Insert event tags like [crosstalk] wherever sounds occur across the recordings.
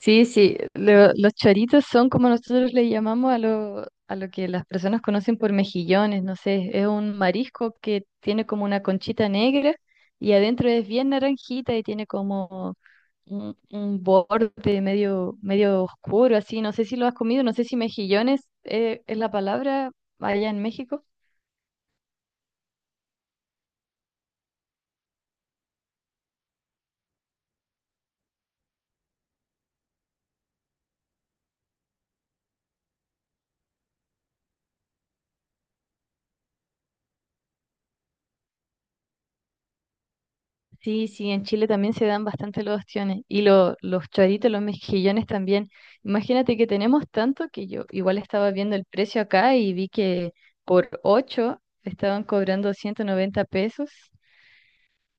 Sí, sí, los choritos son como nosotros le llamamos a lo que las personas conocen por mejillones, no sé, es un marisco que tiene como una conchita negra y adentro es bien naranjita y tiene como un borde medio, medio oscuro, así, no sé si lo has comido, no sé si mejillones es la palabra allá en México. Sí, sí, en Chile también se dan bastante los ostiones y los choritos, los mejillones también. Imagínate que tenemos tanto que yo igual estaba viendo el precio acá y vi que por 8 estaban cobrando 190 pesos.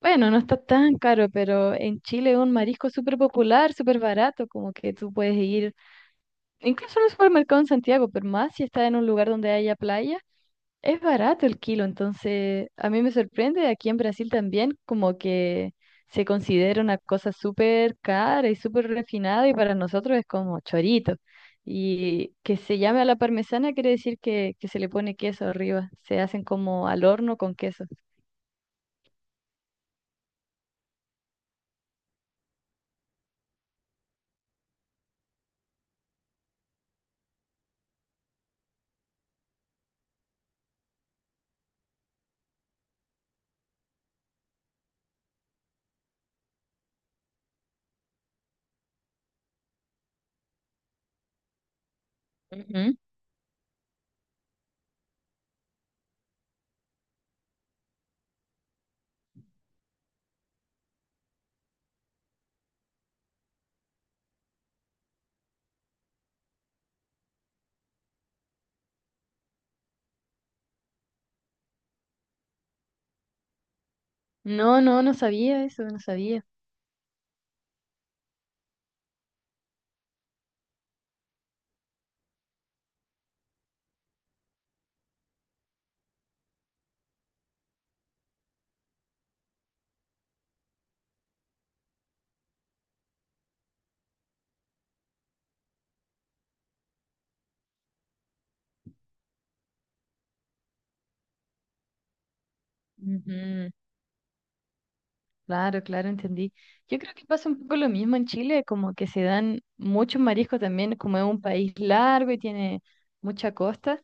Bueno, no está tan caro, pero en Chile es un marisco súper popular, súper barato, como que tú puedes ir incluso en un supermercado en Santiago, pero más si está en un lugar donde haya playa es barato el kilo, entonces a mí me sorprende, aquí en Brasil también como que se considera una cosa súper cara y súper refinada y para nosotros es como chorito. Y que se llame a la parmesana quiere decir que se le pone queso arriba, se hacen como al horno con queso. Ujú. No, no, no sabía eso, no sabía. Ujú. Claro, claro, entendí. Yo creo que pasa un poco lo mismo en Chile, como que se dan muchos mariscos también, como es un país largo y tiene mucha costa,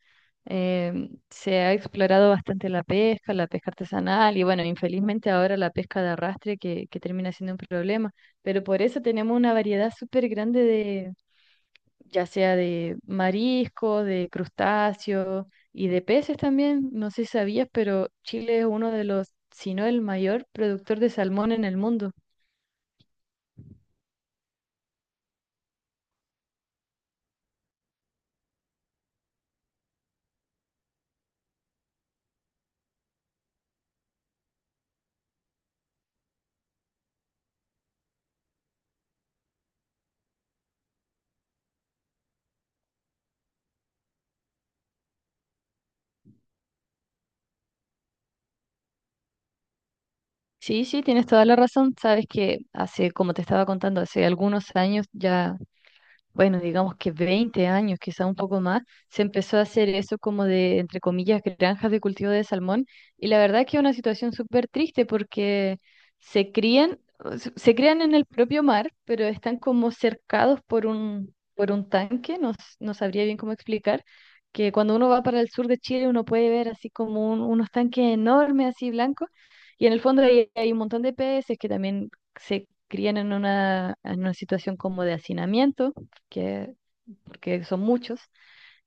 se ha explorado bastante la pesca artesanal y bueno, infelizmente ahora la pesca de arrastre que termina siendo un problema, pero por eso tenemos una variedad súper grande ya sea de marisco, de crustáceos y de peces también. No sé si sabías, pero Chile es uno de los, si no el mayor productor de salmón en el mundo. Sí, sí, tienes toda la razón. Sabes que hace, como te estaba contando, hace algunos años ya bueno, digamos que 20 años, quizá un poco más, se empezó a hacer eso como de, entre comillas, granjas de cultivo de salmón. Y la verdad que es una situación súper triste porque se crían, o se crían en el propio mar, pero están como cercados por un tanque, no, no sabría bien cómo explicar, que cuando uno va para el sur de Chile uno puede ver así como unos tanques enormes, así blancos, y en el fondo hay un montón de peces que también se crían en una situación como de hacinamiento que, porque son muchos,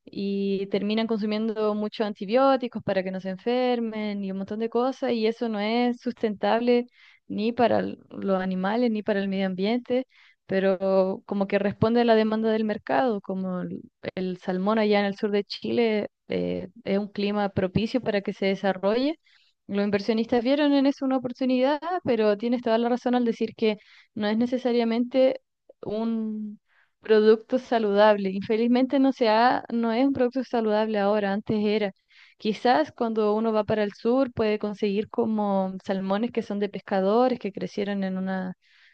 y terminan consumiendo muchos antibióticos para que no se enfermen y un montón de cosas, y eso no es sustentable ni para los animales ni para el medio ambiente, pero como que responde a la demanda del mercado, como el salmón allá en el sur de Chile es un clima propicio para que se desarrolle. Los inversionistas vieron en eso una oportunidad, pero tienes toda la razón al decir que no es necesariamente un, producto saludable. Infelizmente no es un producto saludable ahora, antes era. Quizás cuando uno va para el sur puede conseguir como salmones que son de pescadores, que crecieron en unas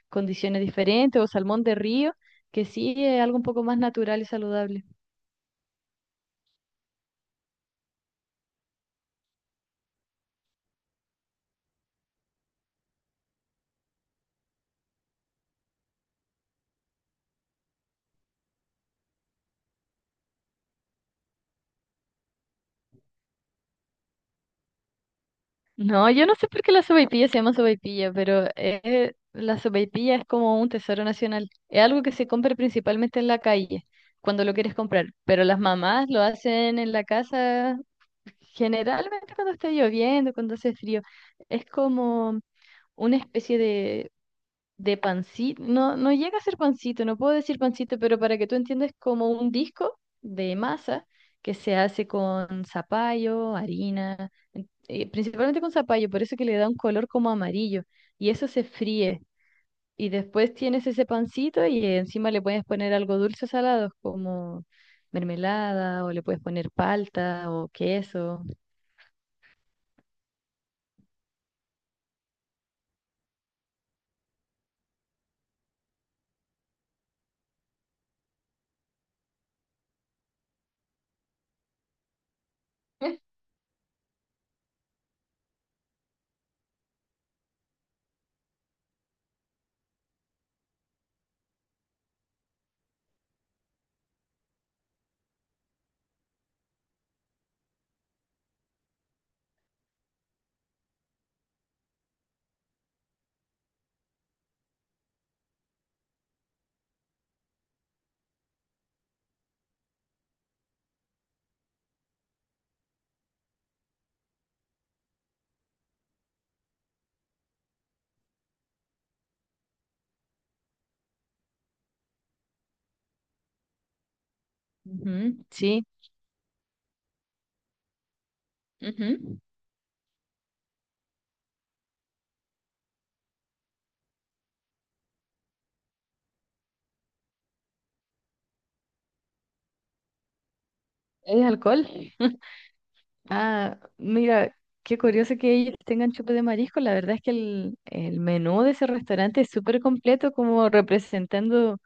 condiciones diferentes, o salmón de río, que sí es algo un poco más natural y saludable. No, yo no sé por qué la sopaipilla se llama sopaipilla, pero la sopaipilla es como un tesoro nacional. Es algo que se compra principalmente en la calle, cuando lo quieres comprar, pero las mamás lo hacen en la casa. Generalmente cuando está lloviendo, cuando hace frío, es como una especie de pancito. No, no llega a ser pancito, no puedo decir pancito, pero para que tú entiendas, como un disco de masa que se hace con zapallo, harina, principalmente con zapallo, por eso que le da un color como amarillo. Y eso se fríe. Y después tienes ese pancito y encima le puedes poner algo dulce o salado, como mermelada, o le puedes poner palta o queso. [laughs] Ujú. Sí. Ujú. ¿Es alcohol? Ah, mira, qué curioso que ellos tengan chupe de marisco. La verdad es que el menú de ese restaurante es súper completo, como representando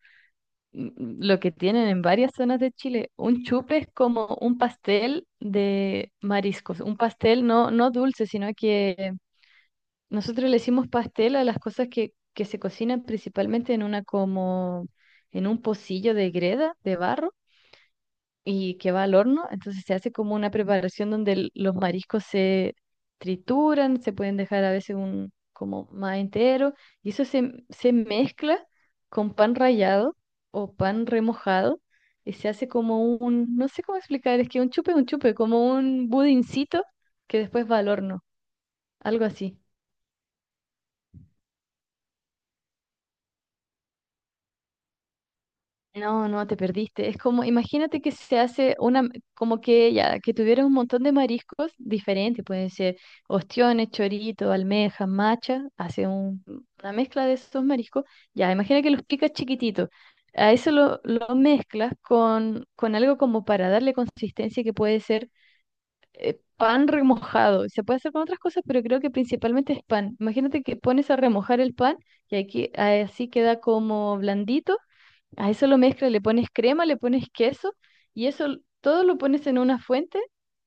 lo que tienen en varias zonas de Chile. Un chupe es como un pastel de mariscos, un pastel no, no dulce, sino que nosotros le decimos pastel a las cosas que se cocinan principalmente en una como en un pocillo de greda, de barro y que va al horno. Entonces se hace como una preparación donde los mariscos se trituran, se pueden dejar a veces un como más entero y eso se, se mezcla con pan rallado o pan remojado y se hace como un, no sé cómo explicar, es que un chupe, como un budincito que después va al horno, algo así. No, no, te perdiste. Es como, imagínate que se hace una, como que ya, que tuviera un montón de mariscos diferentes, pueden ser ostiones, chorito, almejas, macha, hace una mezcla de esos mariscos. Ya, imagina que los picas chiquititos. A eso lo mezclas con algo como para darle consistencia que puede ser pan remojado. Se puede hacer con otras cosas, pero creo que principalmente es pan. Imagínate que pones a remojar el pan y aquí así queda como blandito. A eso lo mezclas, le pones crema, le pones queso y eso todo lo pones en una fuente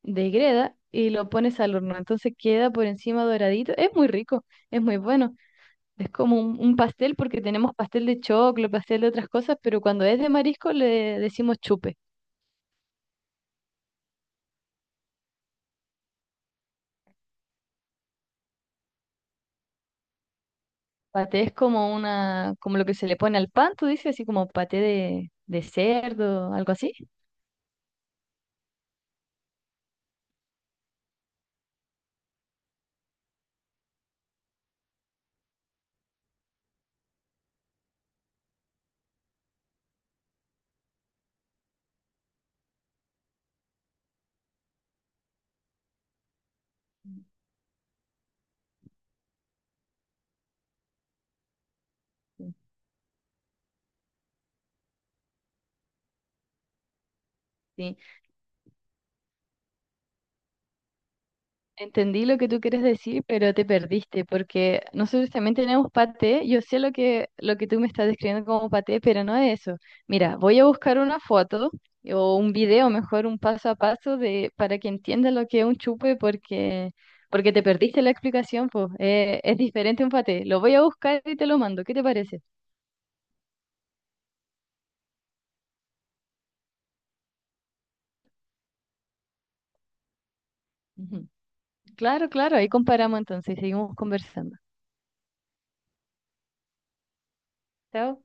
de greda y lo pones al horno. Entonces queda por encima doradito. Es muy rico, es muy bueno. Es como un pastel porque tenemos pastel de choclo, pastel de otras cosas, pero cuando es de marisco le decimos chupe. Paté es como una, como lo que se le pone al pan, tú dices así como paté de cerdo, algo así. Sí. Entendí lo que tú quieres decir, pero te perdiste, porque nosotros también tenemos paté. Yo sé lo que, tú me estás describiendo como paté, pero no es eso. Mira, voy a buscar una foto o un video, mejor un paso a paso, de, para que entiendas lo que es un chupe, porque, te perdiste la explicación, pues. Es diferente un paté. Lo voy a buscar y te lo mando. ¿Qué te parece? Ujú. Claro, claro, ahí comparamos entonces, seguimos conversando. Chao.